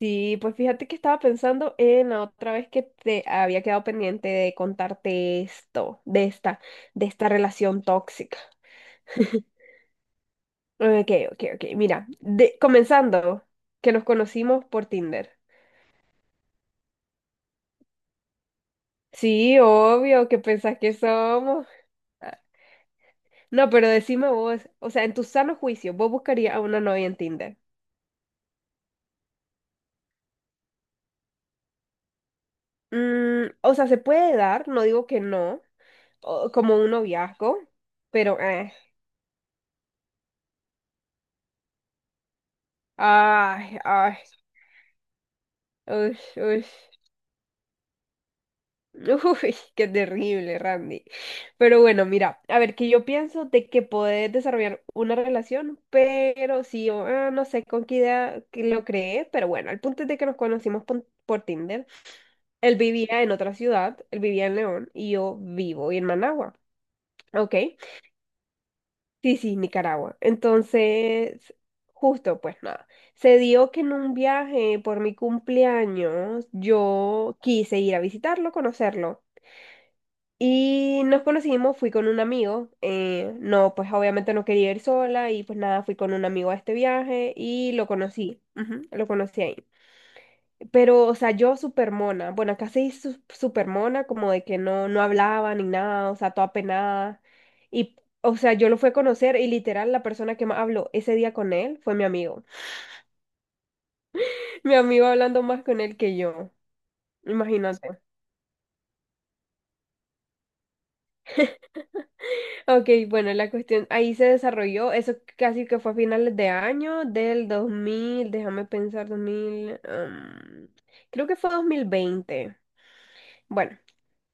Sí, pues fíjate que estaba pensando en la otra vez que te había quedado pendiente de contarte esto, de esta relación tóxica. Ok, ok, ok. Mira, comenzando, que nos conocimos por Tinder. Sí, obvio, ¿qué pensás que somos? Ah. No, pero decime vos, o sea, en tu sano juicio, ¿vos buscarías a una novia en Tinder? Mm, o sea, se puede dar, no digo que no, como un noviazgo, pero ay, ay, uy. Uy, qué terrible, Randy. Pero bueno, mira, a ver, que yo pienso de que podés desarrollar una relación, pero sí, no sé con qué idea que lo creé, pero bueno, el punto es de que nos conocimos por Tinder. Él vivía en otra ciudad, él vivía en León y yo vivo en Managua, ¿ok? Sí, sí, Nicaragua. Entonces, justo, pues nada, se dio que en un viaje por mi cumpleaños yo quise ir a visitarlo, conocerlo. Y nos conocimos, fui con un amigo, no, pues obviamente no quería ir sola y pues nada, fui con un amigo a este viaje y lo conocí, ujú, lo conocí ahí. Pero, o sea, yo súper mona, bueno, casi súper mona, como de que no, no hablaba ni nada, o sea, toda penada. Y, o sea, yo lo fui a conocer y literal la persona que más habló ese día con él fue mi amigo. Mi amigo hablando más con él que yo, imagínate. Ok, bueno, la cuestión ahí se desarrolló, eso casi que fue a finales de año del 2000, déjame pensar, 2000, creo que fue 2020. Bueno,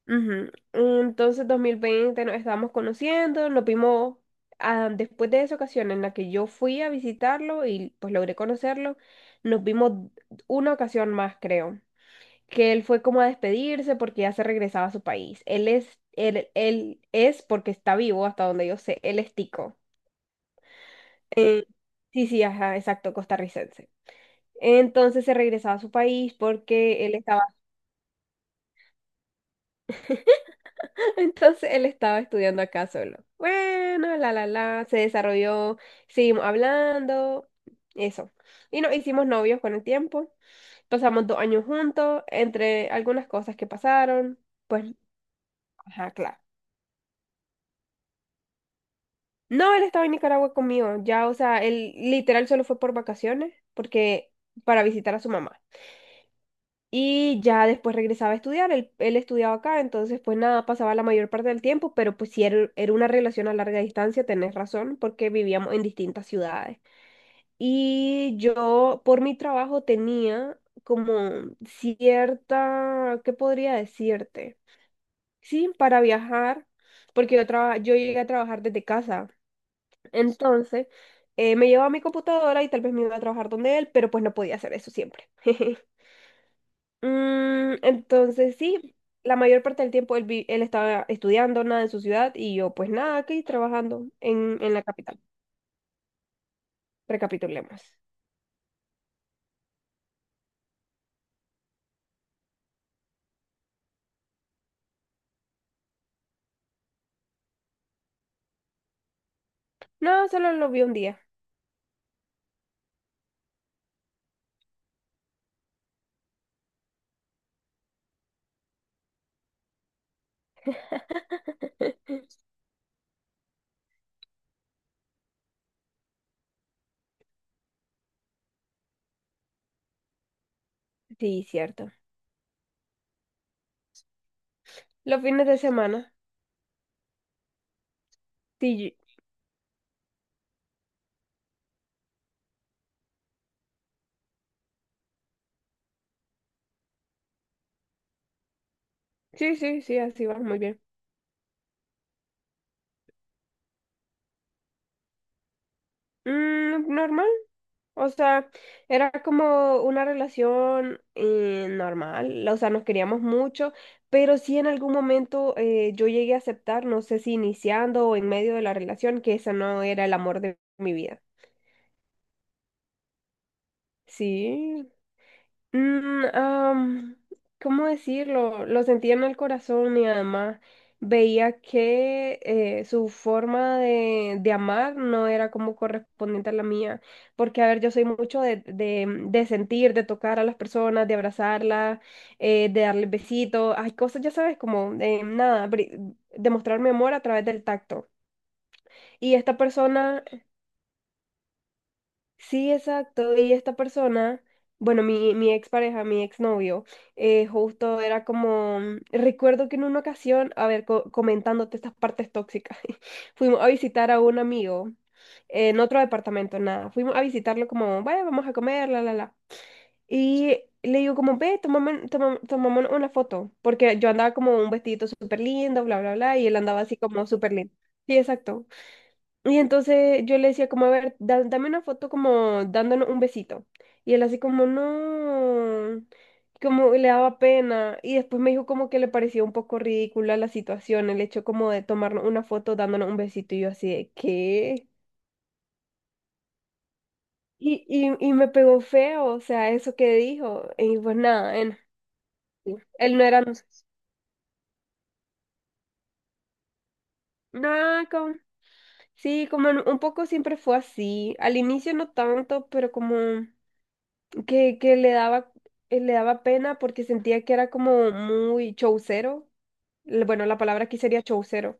ujú, entonces 2020 nos estábamos conociendo, nos vimos después de esa ocasión en la que yo fui a visitarlo y pues logré conocerlo, nos vimos una ocasión más, creo que él fue como a despedirse porque ya se regresaba a su país. Él es porque está vivo, hasta donde yo sé, él es tico. Sí, sí, ajá, exacto, costarricense. Entonces se regresaba a su país porque él estaba, entonces él estaba estudiando acá solo. Bueno, se desarrolló, seguimos hablando, eso. Y nos hicimos novios con el tiempo, pasamos 2 años juntos, entre algunas cosas que pasaron, pues, ajá, claro. No, él estaba en Nicaragua conmigo, ya, o sea, él literal solo fue por vacaciones, porque para visitar a su mamá. Y ya después regresaba a estudiar, él estudiaba acá, entonces pues nada, pasaba la mayor parte del tiempo, pero pues si era una relación a larga distancia, tenés razón, porque vivíamos en distintas ciudades. Y yo por mi trabajo tenía como cierta, ¿qué podría decirte? Sí, para viajar, porque yo llegué a trabajar desde casa. Entonces, me llevaba mi computadora y tal vez me iba a trabajar donde él, pero pues no podía hacer eso siempre. Mm, entonces, sí, la mayor parte del tiempo él estaba estudiando nada en su ciudad y yo pues nada, aquí trabajando en la capital. Recapitulemos. No, solo lo vi un día. Sí, cierto. Los fines de semana. Sí, sí, sí, sí, así va, muy bien. Mm, normal. O sea, era como una relación normal, o sea, nos queríamos mucho, pero sí en algún momento yo llegué a aceptar, no sé si iniciando o en medio de la relación, que ese no era el amor de mi vida. Sí. Mm, ¿cómo decirlo? Lo sentía en el corazón y además veía que su forma de amar no era como correspondiente a la mía. Porque, a ver, yo soy mucho de sentir, de tocar a las personas, de abrazarlas, de darles besitos. Hay cosas, ya sabes, como de nada, demostrar mi amor a través del tacto. Y esta persona. Sí, exacto. Y esta persona, bueno, mi expareja, mi exnovio, justo era como, recuerdo que en una ocasión, a ver, comentándote estas partes tóxicas, fuimos a visitar a un amigo en otro departamento, nada. Fuimos a visitarlo como, vaya, vamos a comer, la, la, la. Y le digo como, ve, tomémonos una foto, porque yo andaba como un vestidito súper lindo, bla, bla, bla, y él andaba así como súper lindo. Sí, exacto. Y entonces yo le decía como, a ver, dame una foto como dándonos un besito. Y él así como, no, como le daba pena. Y después me dijo como que le parecía un poco ridícula la situación, el hecho como de tomarnos una foto dándonos un besito. Y yo así de, ¿qué? Y me pegó feo, o sea, eso que dijo. Y pues nada, él no era... No, como, sí, como un poco siempre fue así. Al inicio no tanto, pero como... que le daba pena porque sentía que era como muy chaucero. Bueno, la palabra aquí sería chaucero.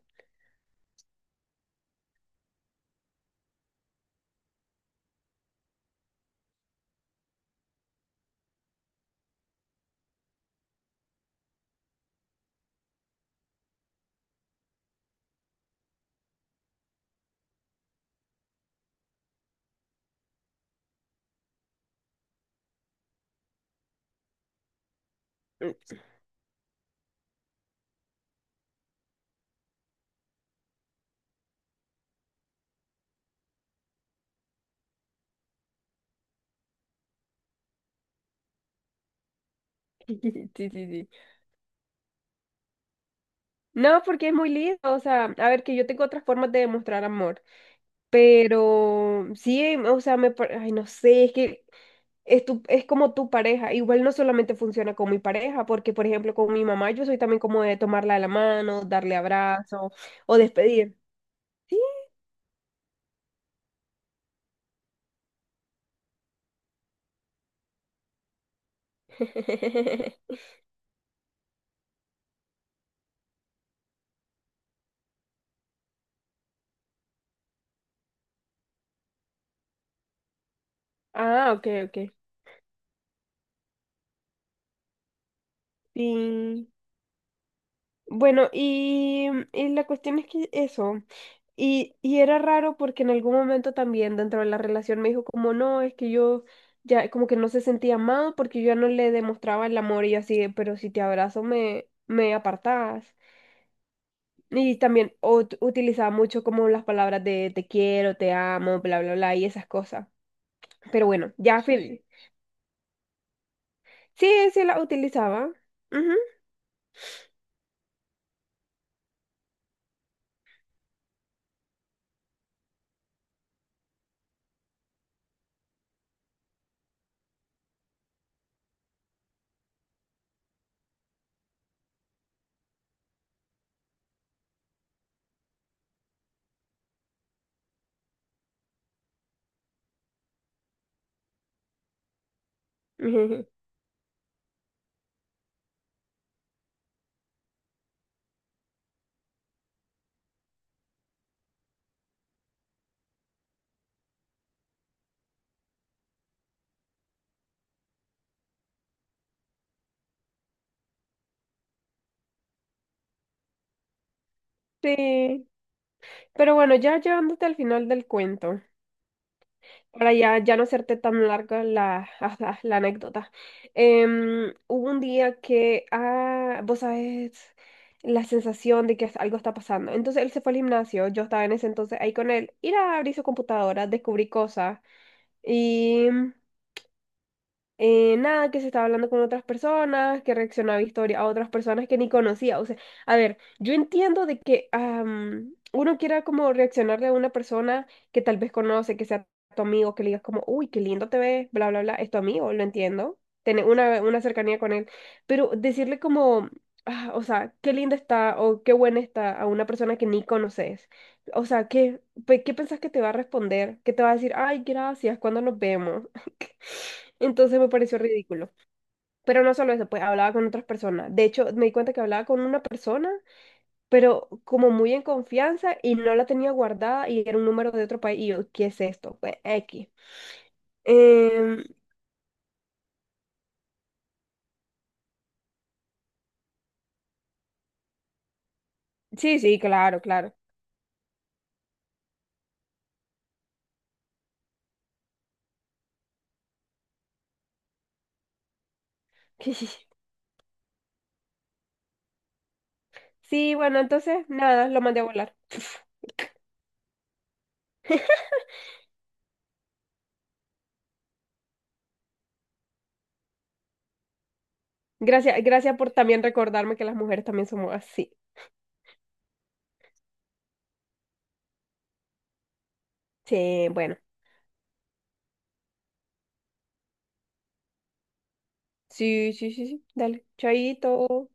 Sí, sí, sí. No, porque es muy lindo, o sea, a ver, que yo tengo otras formas de demostrar amor, pero sí, o sea, ay, no sé, es que es, tu, es como tu pareja. Igual no solamente funciona con mi pareja, porque por ejemplo con mi mamá yo soy también como de tomarla de la mano, darle abrazo o despedir. Sí. Ah, ok, ok. Sí. Bueno, y la cuestión es que eso. Y era raro porque en algún momento también dentro de la relación me dijo como no, es que yo ya como que no se sentía amado porque yo ya no le demostraba el amor y yo así, de, pero si te abrazo me apartás. Y también utilizaba mucho como las palabras de te quiero, te amo, bla, bla, bla, y esas cosas. Pero bueno, ya fin. Sí, sí las utilizaba. Ujú. Sí. Pero bueno, ya llevándote al final del cuento, para ya, ya no hacerte tan larga la, la anécdota. Hubo un día que, vos sabés, la sensación de que algo está pasando. Entonces él se fue al gimnasio, yo estaba en ese entonces ahí con él, ir a abrir su computadora, descubrí cosas y... nada, que se estaba hablando con otras personas, que reaccionaba a historia a otras personas que ni conocía. O sea, a ver, yo entiendo de que uno quiera como reaccionarle a una persona que tal vez conoce, que sea tu amigo, que le digas como, uy, qué lindo te ves, bla, bla, bla, es tu amigo, lo entiendo, tener una cercanía con él, pero decirle como, "Ah, o sea, qué linda está o qué buena está a una persona que ni conoces. O sea, ¿qué pensás que te va a responder? ¿Qué te va a decir? Ay, gracias, ¿cuándo nos vemos? Entonces me pareció ridículo. Pero no solo eso, pues hablaba con otras personas. De hecho, me di cuenta que hablaba con una persona, pero como muy en confianza y no la tenía guardada y era un número de otro país. Y yo, ¿qué es esto? Pues X. Em, sí, sí, claro, claro. Sí, bueno, entonces nada, lo mandé a volar. Gracias, gracias por también recordarme que las mujeres también somos así. Sí, bueno. Sí, sí, sí, sí. Dale, chaito.